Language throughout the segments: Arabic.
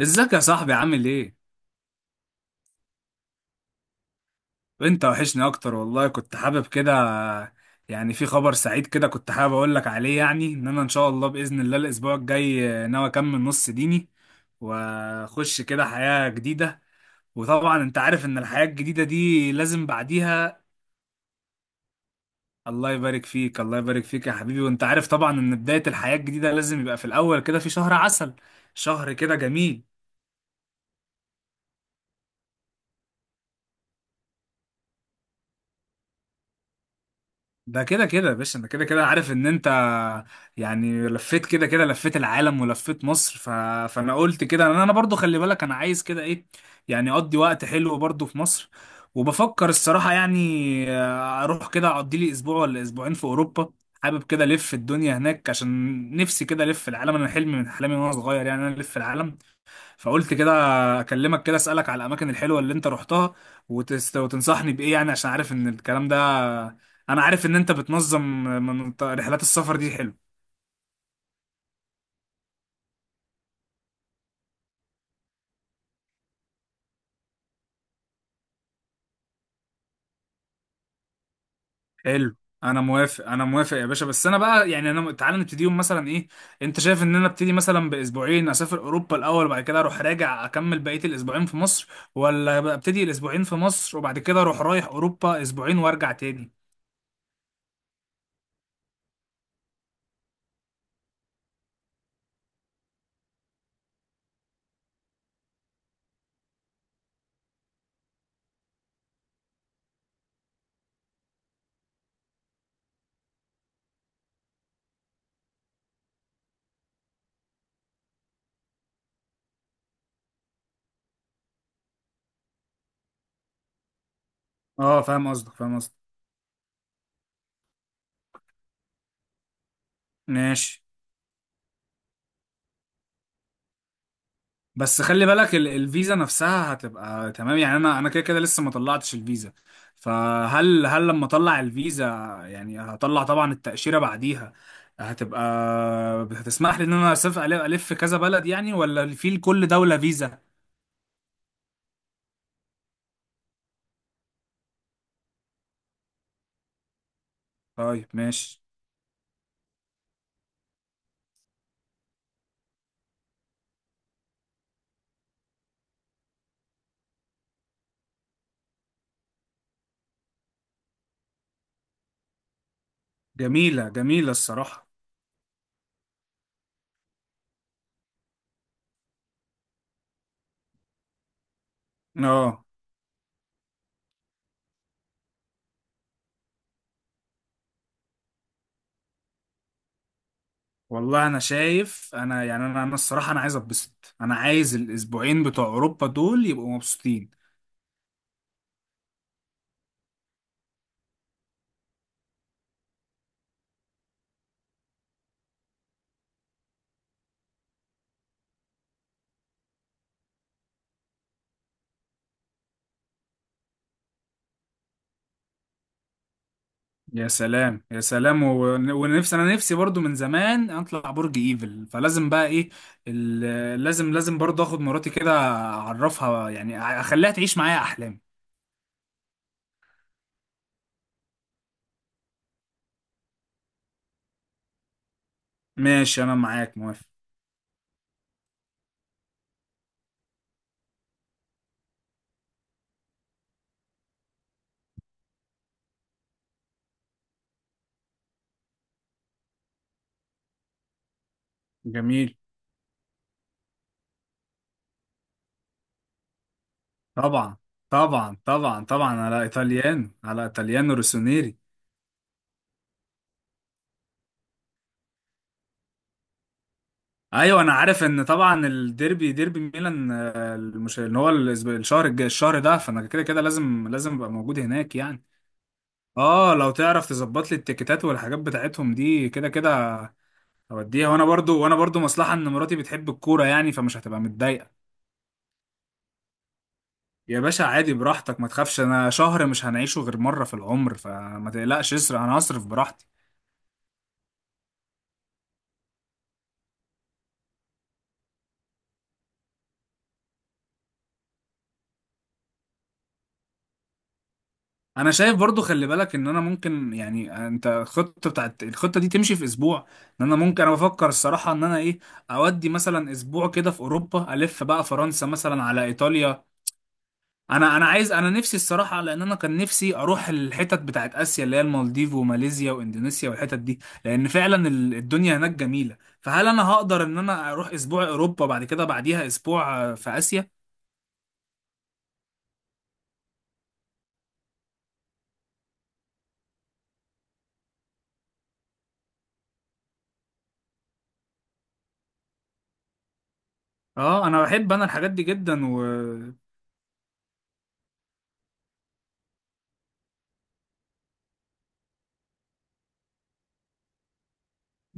ازيك يا صاحبي عامل ايه؟ وانت وحشني اكتر والله، كنت حابب كده. يعني في خبر سعيد كده، كنت حابب اقول لك عليه. يعني ان انا ان شاء الله باذن الله الاسبوع الجاي ناوي اكمل نص ديني، واخش كده حياة جديدة. وطبعا انت عارف ان الحياة الجديدة دي لازم بعديها. الله يبارك فيك، الله يبارك فيك يا حبيبي. وانت عارف طبعا ان بداية الحياة الجديدة لازم يبقى في الاول كده في شهر عسل. شهر كده جميل. ده كده كده يا باشا، انا كده كده عارف ان انت يعني لفيت كده كده لفيت العالم ولفيت مصر. فانا قلت كده، انا برضو. خلي بالك، انا عايز كده ايه؟ يعني اقضي وقت حلو برضو في مصر. وبفكر الصراحة، يعني اروح كده اقضي لي اسبوع ولا اسبوعين في اوروبا. حابب كده الف الدنيا هناك، عشان نفسي كده الف العالم. انا حلمي من احلامي وانا صغير، يعني انا الف العالم. فقلت كده اكلمك، كده اسالك على الاماكن الحلوه اللي انت رحتها، وتنصحني بايه. يعني عشان عارف ان الكلام ده، انا عارف ان انت بتنظم من رحلات السفر دي. حلو، حلو. انا موافق، انا موافق يا باشا. بس انا بقى يعني، انا تعالى نبتديهم مثلا ايه؟ انت شايف ان انا ابتدي مثلا باسبوعين، اسافر اوروبا الاول، وبعد كده اروح راجع اكمل بقيه الاسبوعين في مصر، ولا بقى ابتدي الاسبوعين في مصر وبعد كده اروح رايح اوروبا اسبوعين وارجع تاني؟ اه، فاهم قصدك، فاهم قصدك. ماشي. بس خلي بالك الفيزا نفسها هتبقى تمام. يعني انا كده كده لسه ما طلعتش الفيزا. فهل لما اطلع الفيزا، يعني هطلع طبعا التأشيرة بعديها، هتبقى هتسمح لي ان انا اسافر ألف ألف كذا بلد، يعني ولا في لكل دولة فيزا؟ طيب ماشي. جميلة، جميلة الصراحة. اه. والله، انا شايف، انا يعني انا الصراحة انا عايز اتبسط. انا عايز الاسبوعين بتوع اوروبا دول يبقوا مبسوطين. يا سلام، يا سلام. ونفسي، انا نفسي برضو من زمان اطلع برج ايفل، فلازم بقى ايه؟ لازم، لازم برضو اخد مراتي كده، اعرفها. يعني اخليها تعيش معايا احلامي. ماشي، انا معاك، موافق. جميل. طبعا، طبعا، طبعا، طبعا على ايطاليانو، على ايطاليانو روسونيري. ايوه، انا عارف ان طبعا الديربي، ديربي ميلان، ان هو الشهر الجاي الشهر ده. فانا كده كده لازم، لازم ابقى موجود هناك يعني. اه، لو تعرف تظبط لي التيكيتات والحاجات بتاعتهم دي كده كده هوديها. وانا برضو مصلحة ان مراتي بتحب الكورة، يعني فمش هتبقى متضايقة. يا باشا، عادي براحتك، ما تخافش. انا شهر مش هنعيشه غير مرة في العمر، فما تقلقش. اسرق، انا هصرف براحتي. انا شايف برضو، خلي بالك ان انا ممكن، يعني انت، الخطة دي تمشي في اسبوع. ان انا ممكن، انا بفكر الصراحة ان انا ايه اودي مثلا اسبوع كده في اوروبا، الف بقى فرنسا مثلا على ايطاليا. انا عايز، انا نفسي الصراحه لان انا كان نفسي اروح الحتت بتاعت اسيا، اللي هي المالديف وماليزيا واندونيسيا والحتت دي. لان فعلا الدنيا هناك جميله. فهل انا هقدر ان انا اروح اسبوع اوروبا، بعد كده بعديها اسبوع في اسيا؟ اه، انا بحب، انا الحاجات دي جدا و...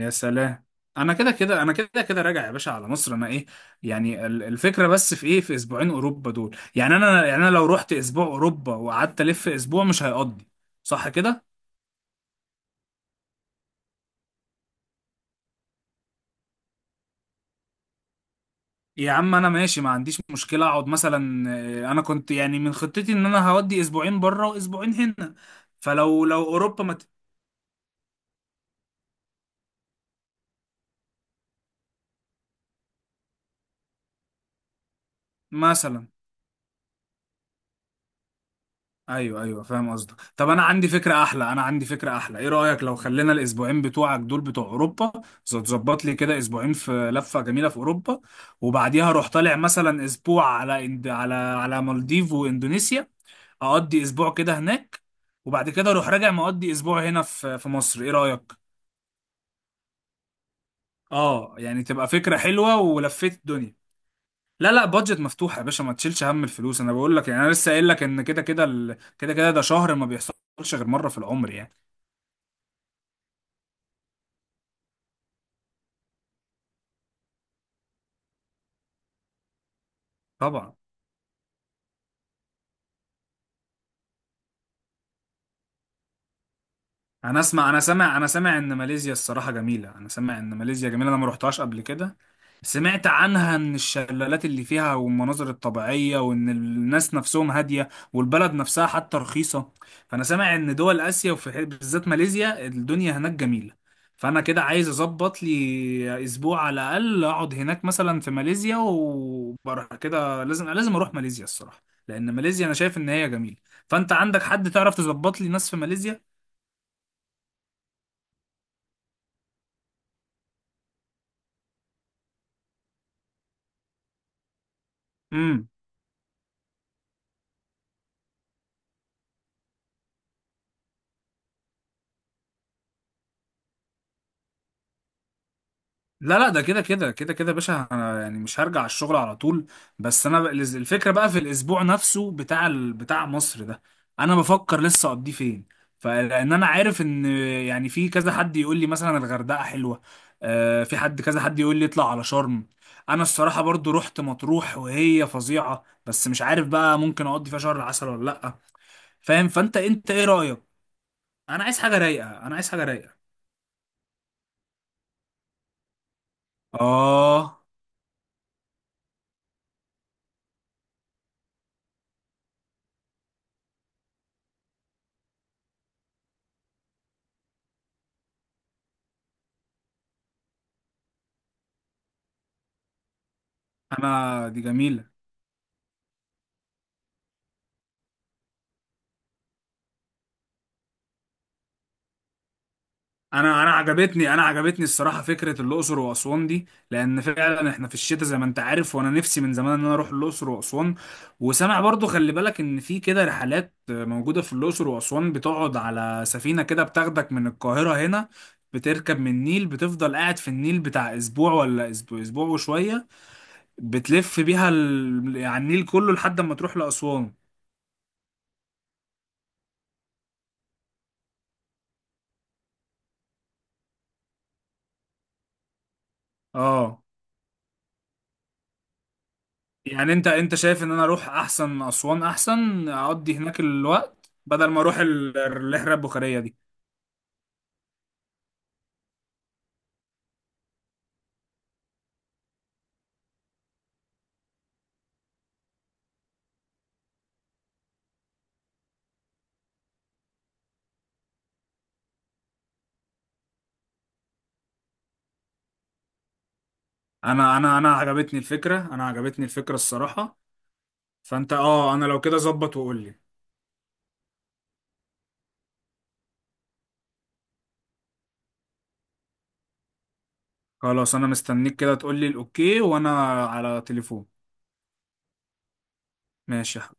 يا سلام. انا كده كده، انا كده كده راجع يا باشا على مصر. انا ايه؟ يعني الفكره بس في ايه؟ في اسبوعين اوروبا دول، يعني انا، يعني انا لو رحت اسبوع اوروبا وقعدت الف اسبوع مش هيقضي، صح كده؟ يا عم انا ماشي، ما عنديش مشكله اقعد مثلا. انا كنت يعني من خطتي ان انا هودي اسبوعين بره واسبوعين هنا. فلو اوروبا مثلا. ايوه، ايوه، فاهم قصدك. طب انا عندي فكره احلى، انا عندي فكره احلى. ايه رايك لو خلينا الاسبوعين بتوعك دول بتوع اوروبا، تظبط لي كده اسبوعين في لفه جميله في اوروبا. وبعديها اروح طالع مثلا اسبوع على على مالديف واندونيسيا، اقضي اسبوع كده هناك. وبعد كده اروح راجع مقضي اسبوع هنا في مصر. ايه رايك؟ اه، يعني تبقى فكرة حلوة ولفيت الدنيا. لا، لا، بادجت مفتوحة يا باشا. ما تشيلش هم الفلوس، انا بقول لك. يعني انا لسه قايل لك ان كده كده، كده كده ده شهر ما بيحصلش غير مرة في العمر يعني. طبعا. انا سامع ان ماليزيا الصراحه جميله. انا سامع ان ماليزيا جميله، انا ما روحتهاش قبل كده. سمعت عنها ان الشلالات اللي فيها والمناظر الطبيعيه، وان الناس نفسهم هاديه، والبلد نفسها حتى رخيصه. فانا سامع ان دول اسيا، وفي بالذات ماليزيا الدنيا هناك جميله. فانا كده عايز اظبط لي اسبوع على الاقل، اقعد هناك مثلا في ماليزيا. وبره كده لازم، لازم اروح ماليزيا الصراحه، لان ماليزيا انا شايف ان هي جميله. فانت عندك حد تعرف تظبط لي ناس في ماليزيا؟ لا، لا، ده كده كده، كده كده يا باشا. انا يعني مش هرجع الشغل على طول. بس انا الفكره بقى في الاسبوع نفسه بتاع بتاع مصر ده، انا بفكر لسه اقضيه فين. فلان انا عارف ان يعني في كذا حد يقول لي مثلا الغردقه حلوه. آه، في حد، كذا حد يقول لي اطلع على شرم. انا الصراحه برضو رحت مطروح وهي فظيعه، بس مش عارف بقى ممكن اقضي فيها شهر عسل ولا لا. فاهم؟ فانت ايه رايك؟ انا عايز حاجه رايقه، انا عايز حاجه رايقه. اه. انا دي جميله. انا عجبتني الصراحه فكره الاقصر واسوان دي، لان فعلا احنا في الشتاء زي ما انت عارف. وانا نفسي من زمان ان انا اروح الاقصر واسوان. وسامع برضو، خلي بالك ان في كده رحلات موجوده في الاقصر واسوان بتقعد على سفينه كده، بتاخدك من القاهره هنا، بتركب من النيل، بتفضل قاعد في النيل بتاع اسبوع ولا اسبوع، اسبوع وشويه، بتلف بيها يعني النيل كله لحد ما تروح لاسوان. اه، يعني انت شايف ان انا اروح احسن اسوان، احسن اقضي هناك الوقت بدل ما اروح الرحله البخاريه دي. انا عجبتني الفكره، انا عجبتني الفكره الصراحه. فانت، اه، انا لو كده ظبط وقول لي. خلاص، انا مستنيك كده تقول لي الاوكي، وانا على تليفون. ماشي يا